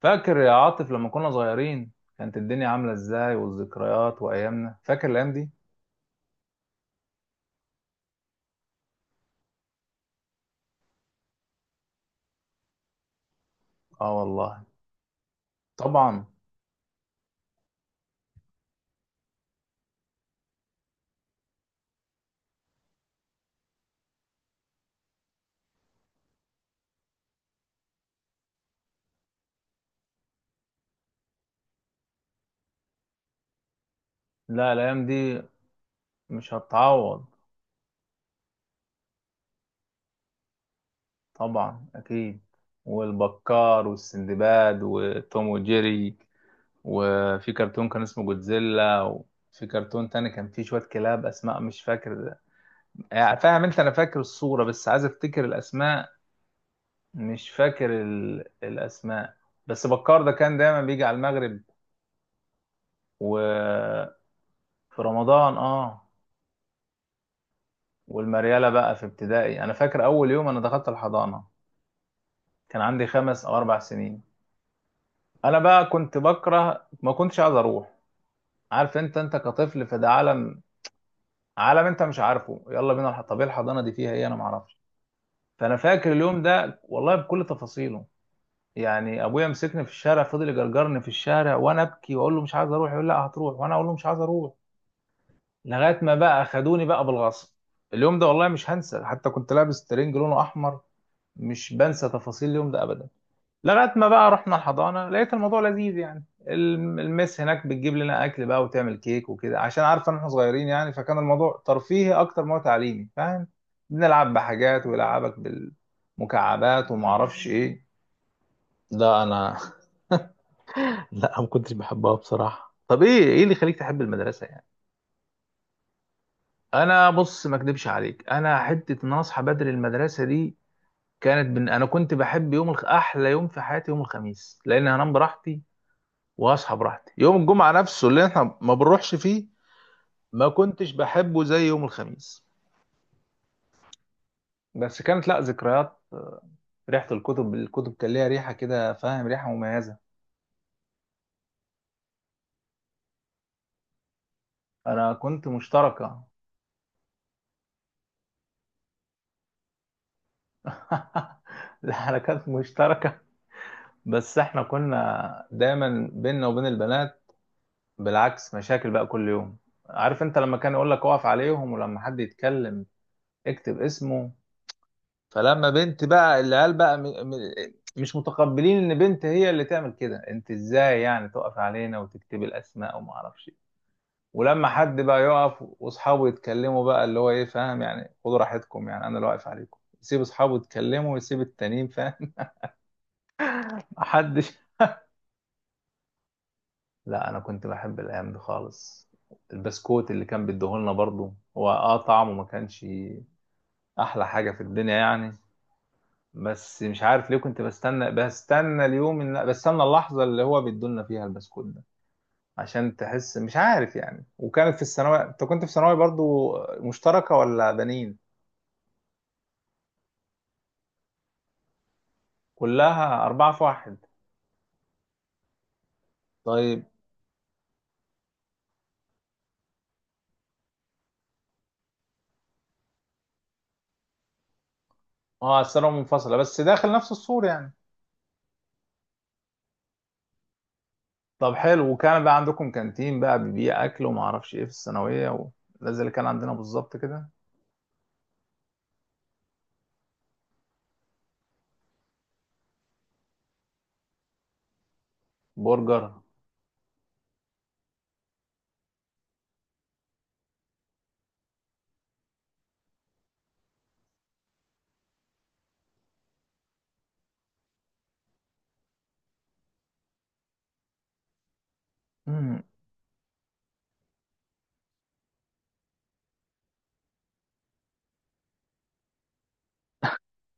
فاكر يا عاطف لما كنا صغيرين، كانت الدنيا عاملة ازاي والذكريات وأيامنا؟ فاكر الأيام دي؟ اه والله. طبعا. لا، الأيام دي مش هتعوض. طبعا أكيد. والبكار والسندباد وتوم وجيري، وفي كرتون كان اسمه جودزيلا، وفي كرتون تاني كان فيه شوية كلاب أسماء مش فاكر. يعني فاهم أنت، أنا فاكر الصورة بس عايز أفتكر الأسماء. مش فاكر الأسماء. بس بكار ده كان دايما بيجي على المغرب و في رمضان اه. والمريالة بقى في ابتدائي، انا فاكر اول يوم انا دخلت الحضانة كان عندي 5 أو 4 سنين. انا بقى كنت بكره، ما كنتش عايز اروح. عارف انت كطفل في ده عالم، عالم انت مش عارفه، يلا بينا طب ايه الحضانة دي، فيها ايه؟ انا ما اعرفش. فانا فاكر اليوم ده والله بكل تفاصيله. يعني ابويا مسكني في الشارع، فضل يجرجرني في الشارع وانا ابكي واقول له مش عايز اروح، يقول لا هتروح، وانا اقول له مش عايز اروح. لغايه ما بقى خدوني بقى بالغصب. اليوم ده والله مش هنسى، حتى كنت لابس ترنج لونه احمر. مش بنسى تفاصيل اليوم ده ابدا. لغايه ما بقى رحنا الحضانه لقيت الموضوع لذيذ، يعني المس هناك بتجيب لنا اكل بقى وتعمل كيك وكده، عشان عارفه ان احنا صغيرين. يعني فكان الموضوع ترفيهي اكتر ما هو تعليمي، فاهم؟ بنلعب بحاجات ويلعبك بالمكعبات وما اعرفش ايه. لا انا. لا ما كنتش بحبها بصراحه. طب ايه اللي يخليك تحب المدرسه يعني؟ انا بص ما اكدبش عليك، انا حته ان أنا اصحى بدري المدرسه دي. انا كنت بحب احلى يوم في حياتي يوم الخميس، لان هنام براحتي واصحى براحتي. يوم الجمعه نفسه اللي احنا ما بنروحش فيه، ما كنتش بحبه زي يوم الخميس. بس كانت لا ذكريات، ريحه الكتب. كان ليها ريحه كده، فاهم، ريحه مميزه. انا كنت مشتركه. لا انا كانت مشتركه. بس احنا كنا دايما بيننا وبين البنات بالعكس مشاكل بقى كل يوم. عارف انت لما كان يقول لك اقف عليهم ولما حد يتكلم اكتب اسمه. فلما بنت بقى، العيال بقى مش متقبلين ان بنت هي اللي تعمل كده. انت ازاي يعني تقف علينا وتكتب الاسماء وما اعرفش إيه. ولما حد بقى يقف واصحابه يتكلموا بقى، اللي هو ايه فاهم يعني، خدوا راحتكم يعني انا اللي واقف عليكم، يسيب اصحابه يتكلموا ويسيب التانيين فاهم. محدش. لا انا كنت بحب الايام دي خالص. البسكوت اللي كان بيديهولنا برضه هو اه طعمه ما كانش احلى حاجه في الدنيا يعني. بس مش عارف ليه كنت بستنى اليوم ان بستنى اللحظه اللي هو بيدولنا فيها البسكوت ده، عشان تحس مش عارف يعني. وكانت في الثانويه، انت كنت في ثانوي برضو؟ مشتركه ولا بنين؟ كلها 4 في 1. طيب. اه الثانوية منفصلة بس داخل نفس السور يعني. طب حلو، وكان بقى عندكم كانتين بقى بيبيع أكل وما أعرفش إيه في الثانوية و... ده زي اللي كان عندنا بالظبط كده. برجر. مم.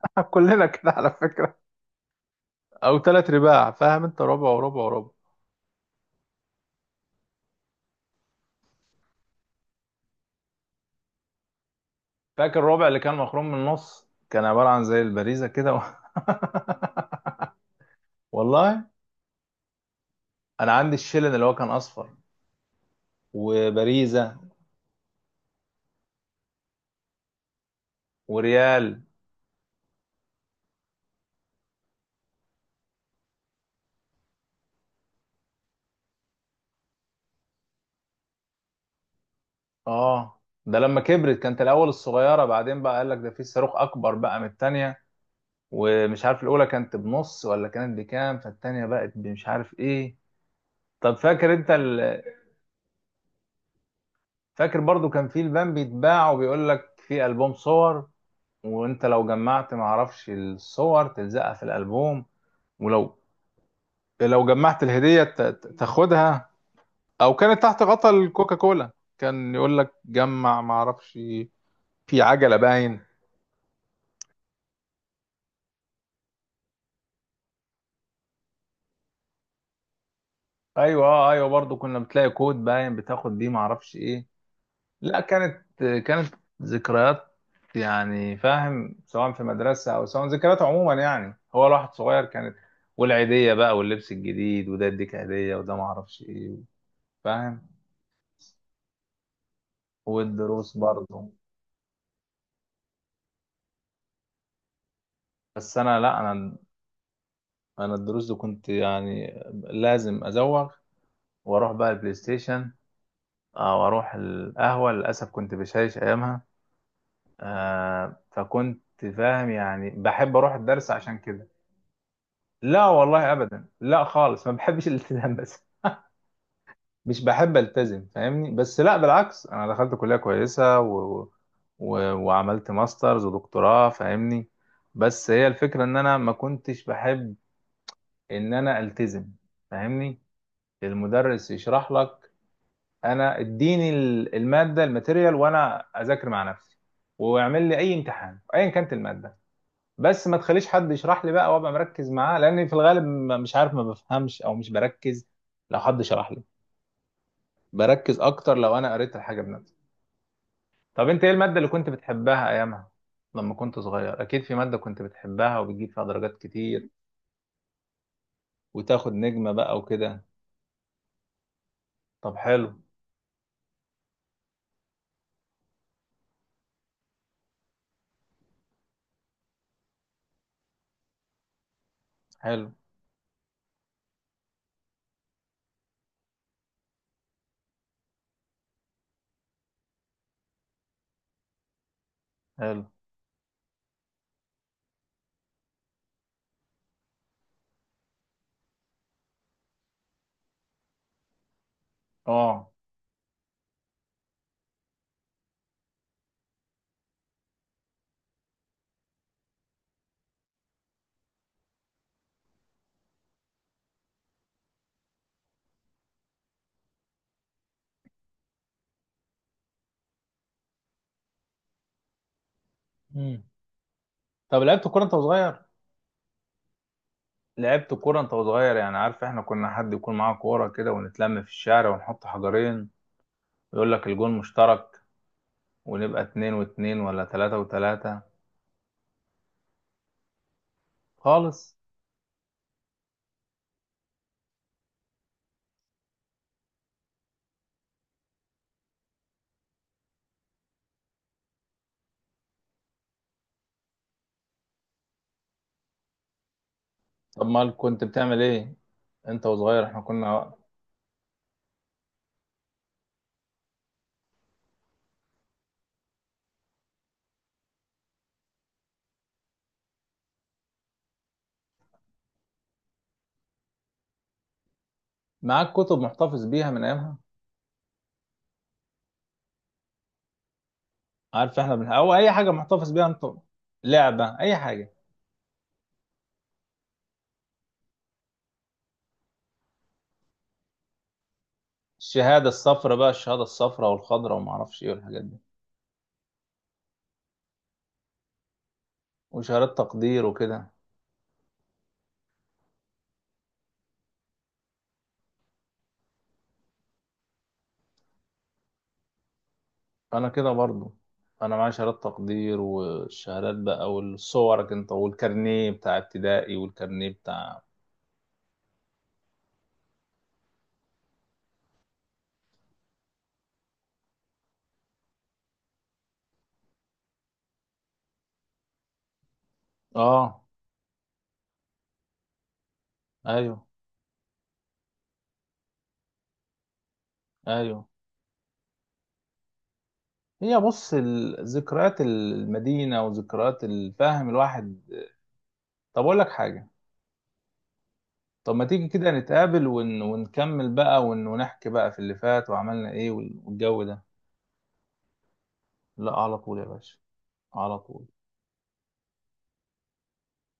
كلنا كده على فكرة. أو تلات رباع فاهم أنت، ربع وربع وربع. فاكر الربع اللي كان مخروم من النص كان عبارة عن زي البريزة كده. والله. أنا عندي الشيلن اللي هو كان أصفر، وبريزة وريال. آه، ده لما كبرت. كانت الأول الصغيرة، بعدين بقى قال لك ده في صاروخ أكبر بقى من التانية. ومش عارف الأولى كانت بنص ولا كانت بكام، فالتانية بقت مش عارف إيه. طب فاكر أنت فاكر برضو كان في البان بيتباع وبيقول لك في ألبوم صور، وأنت لو جمعت معرفش الصور تلزقها في الألبوم، ولو لو جمعت الهدية تاخدها. او كانت تحت غطا الكوكا كولا كان يقول لك جمع ما اعرفش، في عجلة باين. ايوه آه، ايوه برضو كنا بتلاقي كود باين بتاخد بيه ما اعرفش ايه. لا كانت كانت ذكريات يعني، فاهم، سواء في مدرسة او سواء ذكريات عموما. يعني هو الواحد صغير كانت، والعيدية بقى واللبس الجديد، وده يديك هدية وده ما اعرفش ايه، فاهم. والدروس برضو. بس انا لا انا انا الدروس دي كنت يعني لازم ازوغ واروح بقى البلاي ستيشن، او اروح القهوه، للاسف كنت بشايش ايامها. آه، فكنت فاهم يعني، بحب اروح الدرس عشان كده. لا والله ابدا، لا خالص، ما بحبش الالتزام بس. مش بحب التزم فاهمني. بس لا بالعكس، انا دخلت كليه كويسه و... و... وعملت ماسترز ودكتوراه فاهمني. بس هي الفكره ان انا ما كنتش بحب ان انا التزم، فاهمني. المدرس يشرح لك، انا اديني الماده، الماتيريال، وانا اذاكر مع نفسي واعمل لي اي امتحان ايا كانت الماده. بس ما تخليش حد يشرح لي بقى وابقى مركز معاه، لان في الغالب مش عارف ما بفهمش او مش بركز لو حد شرح لي. بركز اكتر لو انا قريت الحاجه بنفسي. طب انت ايه الماده اللي كنت بتحبها ايامها، لما كنت صغير؟ اكيد في ماده كنت بتحبها وبتجيب فيها درجات كتير وتاخد نجمه بقى وكده. طب حلو. حلو حلو. اه. مم. طب لعبت كوره انت وصغير؟ لعبت كورة انت وصغير؟ يعني عارف احنا كنا حد يكون معاه كورة كده، ونتلم في الشارع ونحط حجرين ويقول لك الجون مشترك، ونبقى 2 و2، ولا 3 و3. خالص. طب ما كنت بتعمل ايه انت وصغير؟ احنا كنا. معاك كتب محتفظ بيها من ايامها؟ عارف احنا او اي حاجة محتفظ بيها انت، لعبة، اي حاجة. الشهادة الصفراء بقى، الشهادة الصفراء والخضراء وما اعرفش ايه والحاجات دي، وشهادات تقدير وكده. انا كده برضو. انا معايا شهادات تقدير والشهادات بقى والصورك انت، والكارنيه بتاع ابتدائي والكارنيه بتاع. اه ايوه ايوه. هي بص ذكريات المدينة وذكريات الفهم الواحد. طب اقول لك حاجة، طب ما تيجي كده نتقابل ون... ونكمل بقى ون... ونحكي بقى في اللي فات وعملنا ايه وال- والجو ده. لا، على طول يا باشا، على طول.